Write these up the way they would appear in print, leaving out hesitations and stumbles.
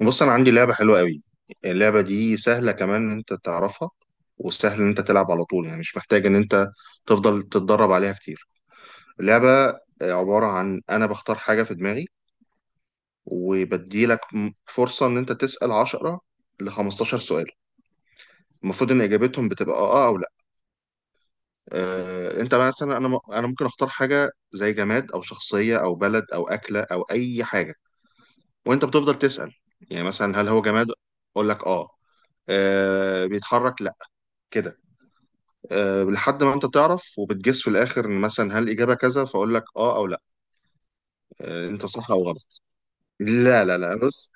بص انا عندي لعبه حلوه قوي. اللعبه دي سهله كمان ان انت تعرفها، وسهل ان انت تلعب على طول، يعني مش محتاج ان انت تفضل تتدرب عليها كتير. اللعبه عباره عن انا بختار حاجه في دماغي وبديلك فرصه ان انت تسال 10 ل 15 سؤال. المفروض ان اجابتهم بتبقى آه، او لا. آه، انت مثلا، انا انا ممكن اختار حاجه زي جماد او شخصيه او بلد او اكله او اي حاجه، وانت بتفضل تسال. يعني مثلا هل هو جماد؟ اقول لك اه. آه، بيتحرك؟ لا. كده. أه، لحد ما انت تعرف وبتجس في الاخر ان مثلا هل الاجابه كذا، فاقول لك اه او لا. أه، انت صح او غلط. لا لا لا، بص.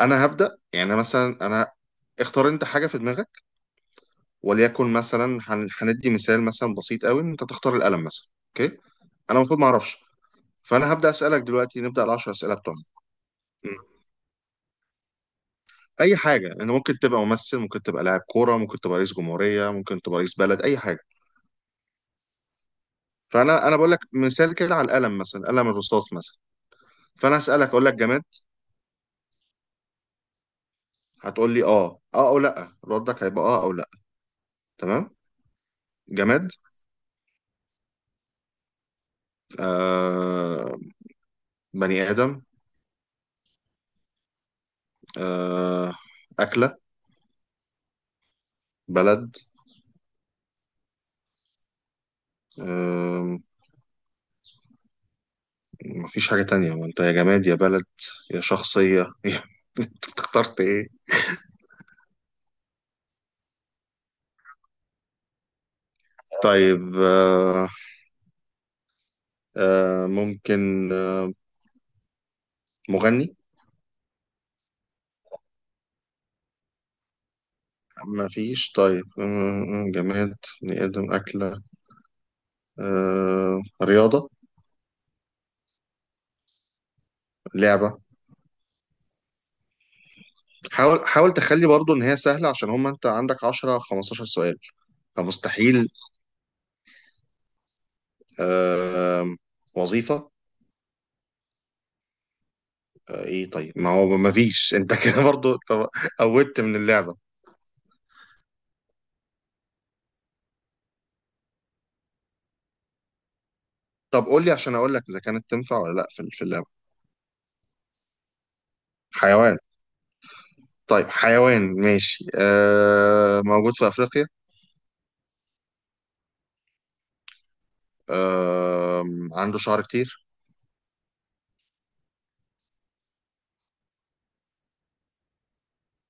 انا هبدا يعني مثلا، انا اختار انت حاجه في دماغك، وليكن مثلا هندي مثال مثلا بسيط قوي، ان انت تختار القلم مثلا، اوكي. انا المفروض ما اعرفش، فانا هبدا اسالك دلوقتي، نبدا العشر اسئله بتوعنا. م. اي حاجه، انا ممكن تبقى ممثل، ممكن تبقى لاعب كوره، ممكن تبقى رئيس جمهوريه، ممكن تبقى رئيس بلد، اي حاجه. فانا بقول لك مثال كده على القلم، مثلا قلم الرصاص مثلا. فانا اسالك اقول لك جماد، هتقول لي اه او لا. ردك هيبقى اه او لا. تمام. جماد. آه. بني آدم. آه. أكلة. بلد. آه. مفيش حاجة تانية، ما انت يا جماد، يا بلد، يا شخصية انت اخترت ايه؟ طيب آه. آه ممكن. آه، مغني. مفيش. طيب آه، آه، جماد، بني آدم، أكلة، آه، رياضة، لعبة. حاول، حاول تخلي برضو ان هي سهله، عشان هم انت عندك 10، 15 سؤال، فمستحيل. آم، وظيفه. آه، ايه؟ طيب ما هو ما فيش، انت كده برضو. قودت من اللعبه. طب قول لي عشان اقول لك اذا كانت تنفع ولا لا في اللعبه. حيوان. طيب حيوان ماشي. آه، موجود في افريقيا. آه، عنده شعر كتير.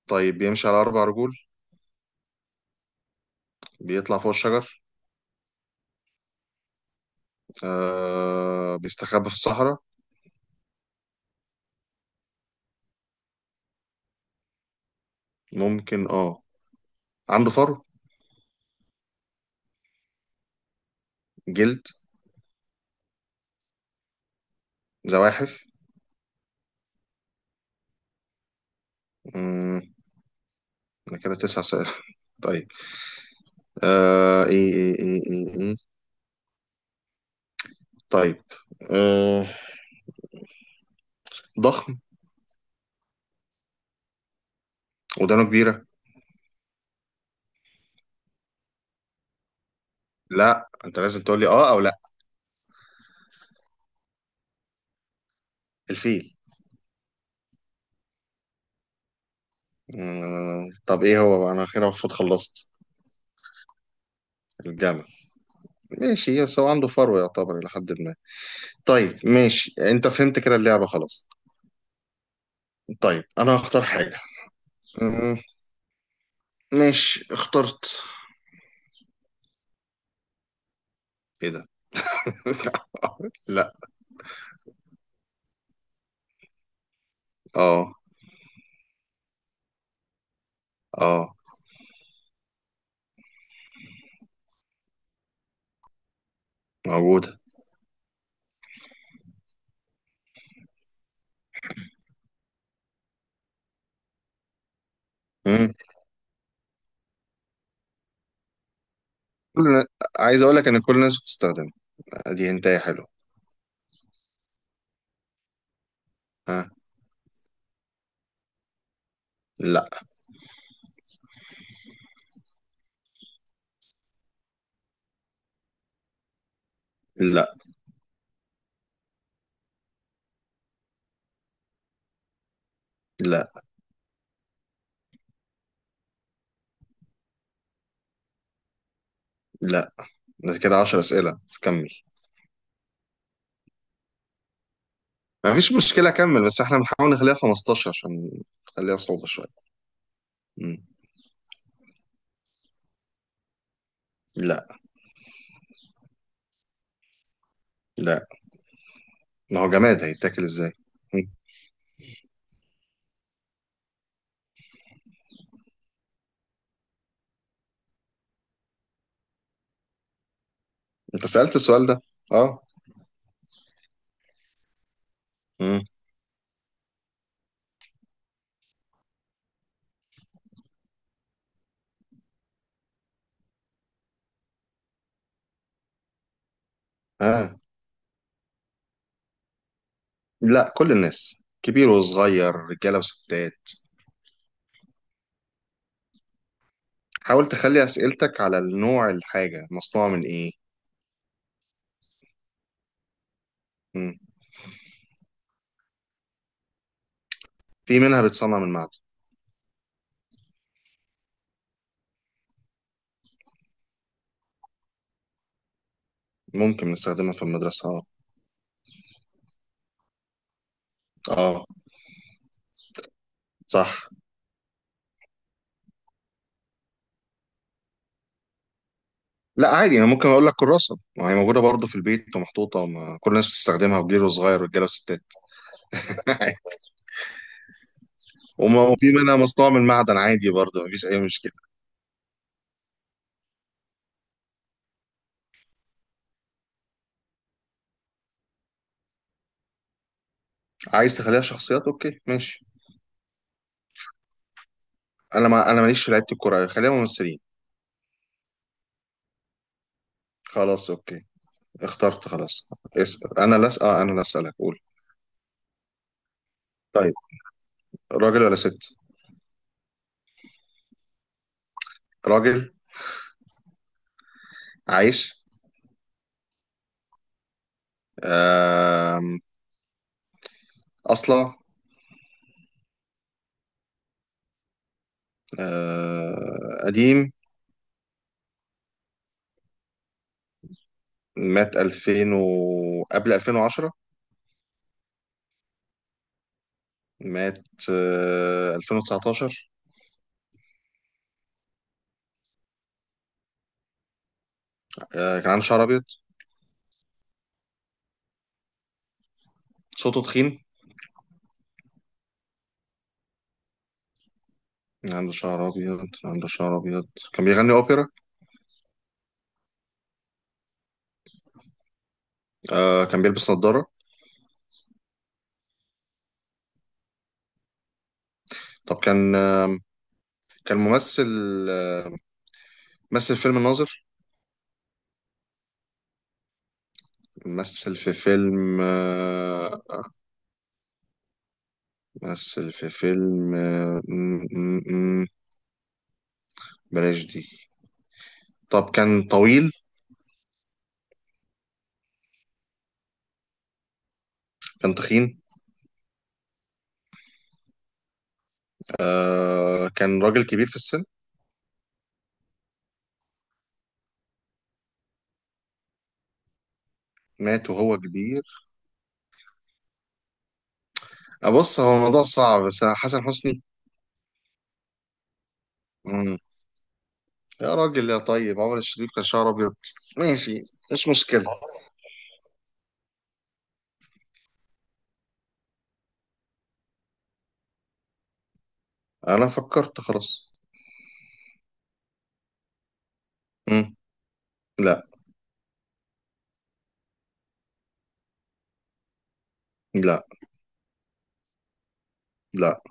طيب بيمشي على اربع رجول. بيطلع فوق الشجر. آه، بيستخبى في الصحراء. ممكن اه. عنده فر. جلد. زواحف. امم ده كده تسع سؤال طيب آه، ايه. طيب آه. ضخم. ودانه كبيرة. لا، انت لازم تقول لي اه او لا. الفيل. طب ايه هو بقى؟ انا اخيرا المفروض خلصت. الجمل. ماشي، بس هو عنده فرو يعتبر الى حد ما. طيب ماشي، انت فهمت كده اللعبة. خلاص طيب، انا هختار حاجة. مم. ماشي، اخترت. ايه ده؟ لا. اه. اه. موجودة. مم. كل- النا- عايز اقول لك ان كل الناس بتستخدمها. دي انتهي حلو. ها. لا. لا. لا. لا. ده كده 10 اسئله، كمل. ما فيش مشكله كمل، بس احنا بنحاول نخليها 15 عشان نخليها صعبه شويه. مم. لا. لا، ما هو جماد، هيتاكل ازاي؟ مم. انت سالت السؤال ده. اه. مم. اه. لا، كل الناس كبير وصغير، رجاله وستات. حاول تخلي اسئلتك على النوع، الحاجه مصنوعه من ايه. مم. في منها بتصنع من معدن. ممكن نستخدمها في المدرسه، اه. اه، صح. لا عادي، انا ممكن اقول لك كراسه، ما هي موجوده برضه في البيت ومحطوطه، ما كل الناس بتستخدمها وكبير وصغير رجاله وستات وما في منها مصنوع من معدن، عادي برضه مفيش اي مشكله. عايز تخليها شخصيات، اوكي ماشي. انا ما انا ماليش في لعيبه الكوره، خليها ممثلين. خلاص اوكي، اخترت خلاص. اسال انا لا اسال، آه، انا لا اسالك، قول. طيب راجل ولا ست؟ راجل. عايش. آم، اصلع. آه، قديم. مات 2000 و... قبل 2010. مات، آه، 2019. آه، كان عنده شعر ابيض. صوته تخين. كان عنده شعر ابيض. كان عنده شعر ابيض. كان بيغني اوبرا. آه، كان بيلبس نظارة. طب كان، آه، كان ممثل. آه، مثل فيلم الناظر. مثل في فيلم، آه، مثل في فيلم، آه، م- بلاش دي. طب كان طويل. كان تخين. آه، كان راجل كبير في السن. مات وهو كبير. أبص، هو الموضوع صعب، بس حسن حسني. يا راجل يا طيب، عمر الشريف كان شعره ابيض، ماشي. مش مشكلة. انا فكرت خلاص. مم. لا. لا. لا.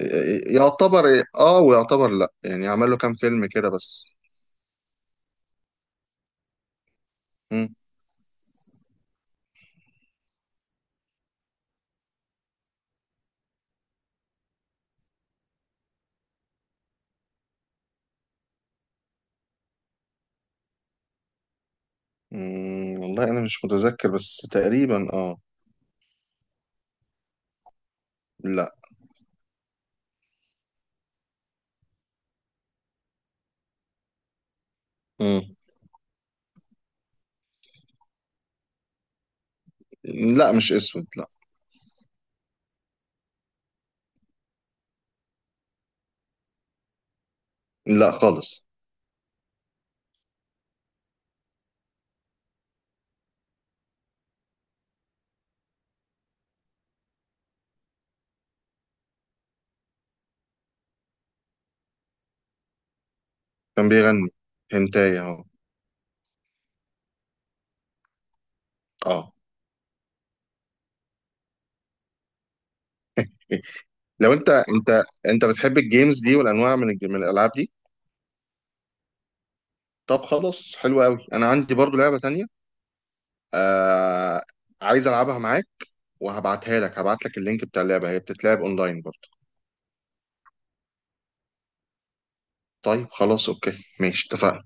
يعتبر إيه؟ اه، ويعتبر لا، يعني عمل له كام فيلم كده بس. مم. والله انا مش متذكر بس تقريبا اه. لا. مم. لا مش اسود، لا. لا خالص. كان بيغني. هنتاي اهو. اه. لو انت بتحب الجيمز دي والانواع من من الالعاب دي. طب خلاص حلو قوي، انا عندي برضو لعبة تانية، آه، عايز العبها معاك، وهبعتها لك، هبعت لك اللينك بتاع اللعبه، هي بتتلعب اونلاين برضه. طيب خلاص اوكي ماشي، اتفقنا.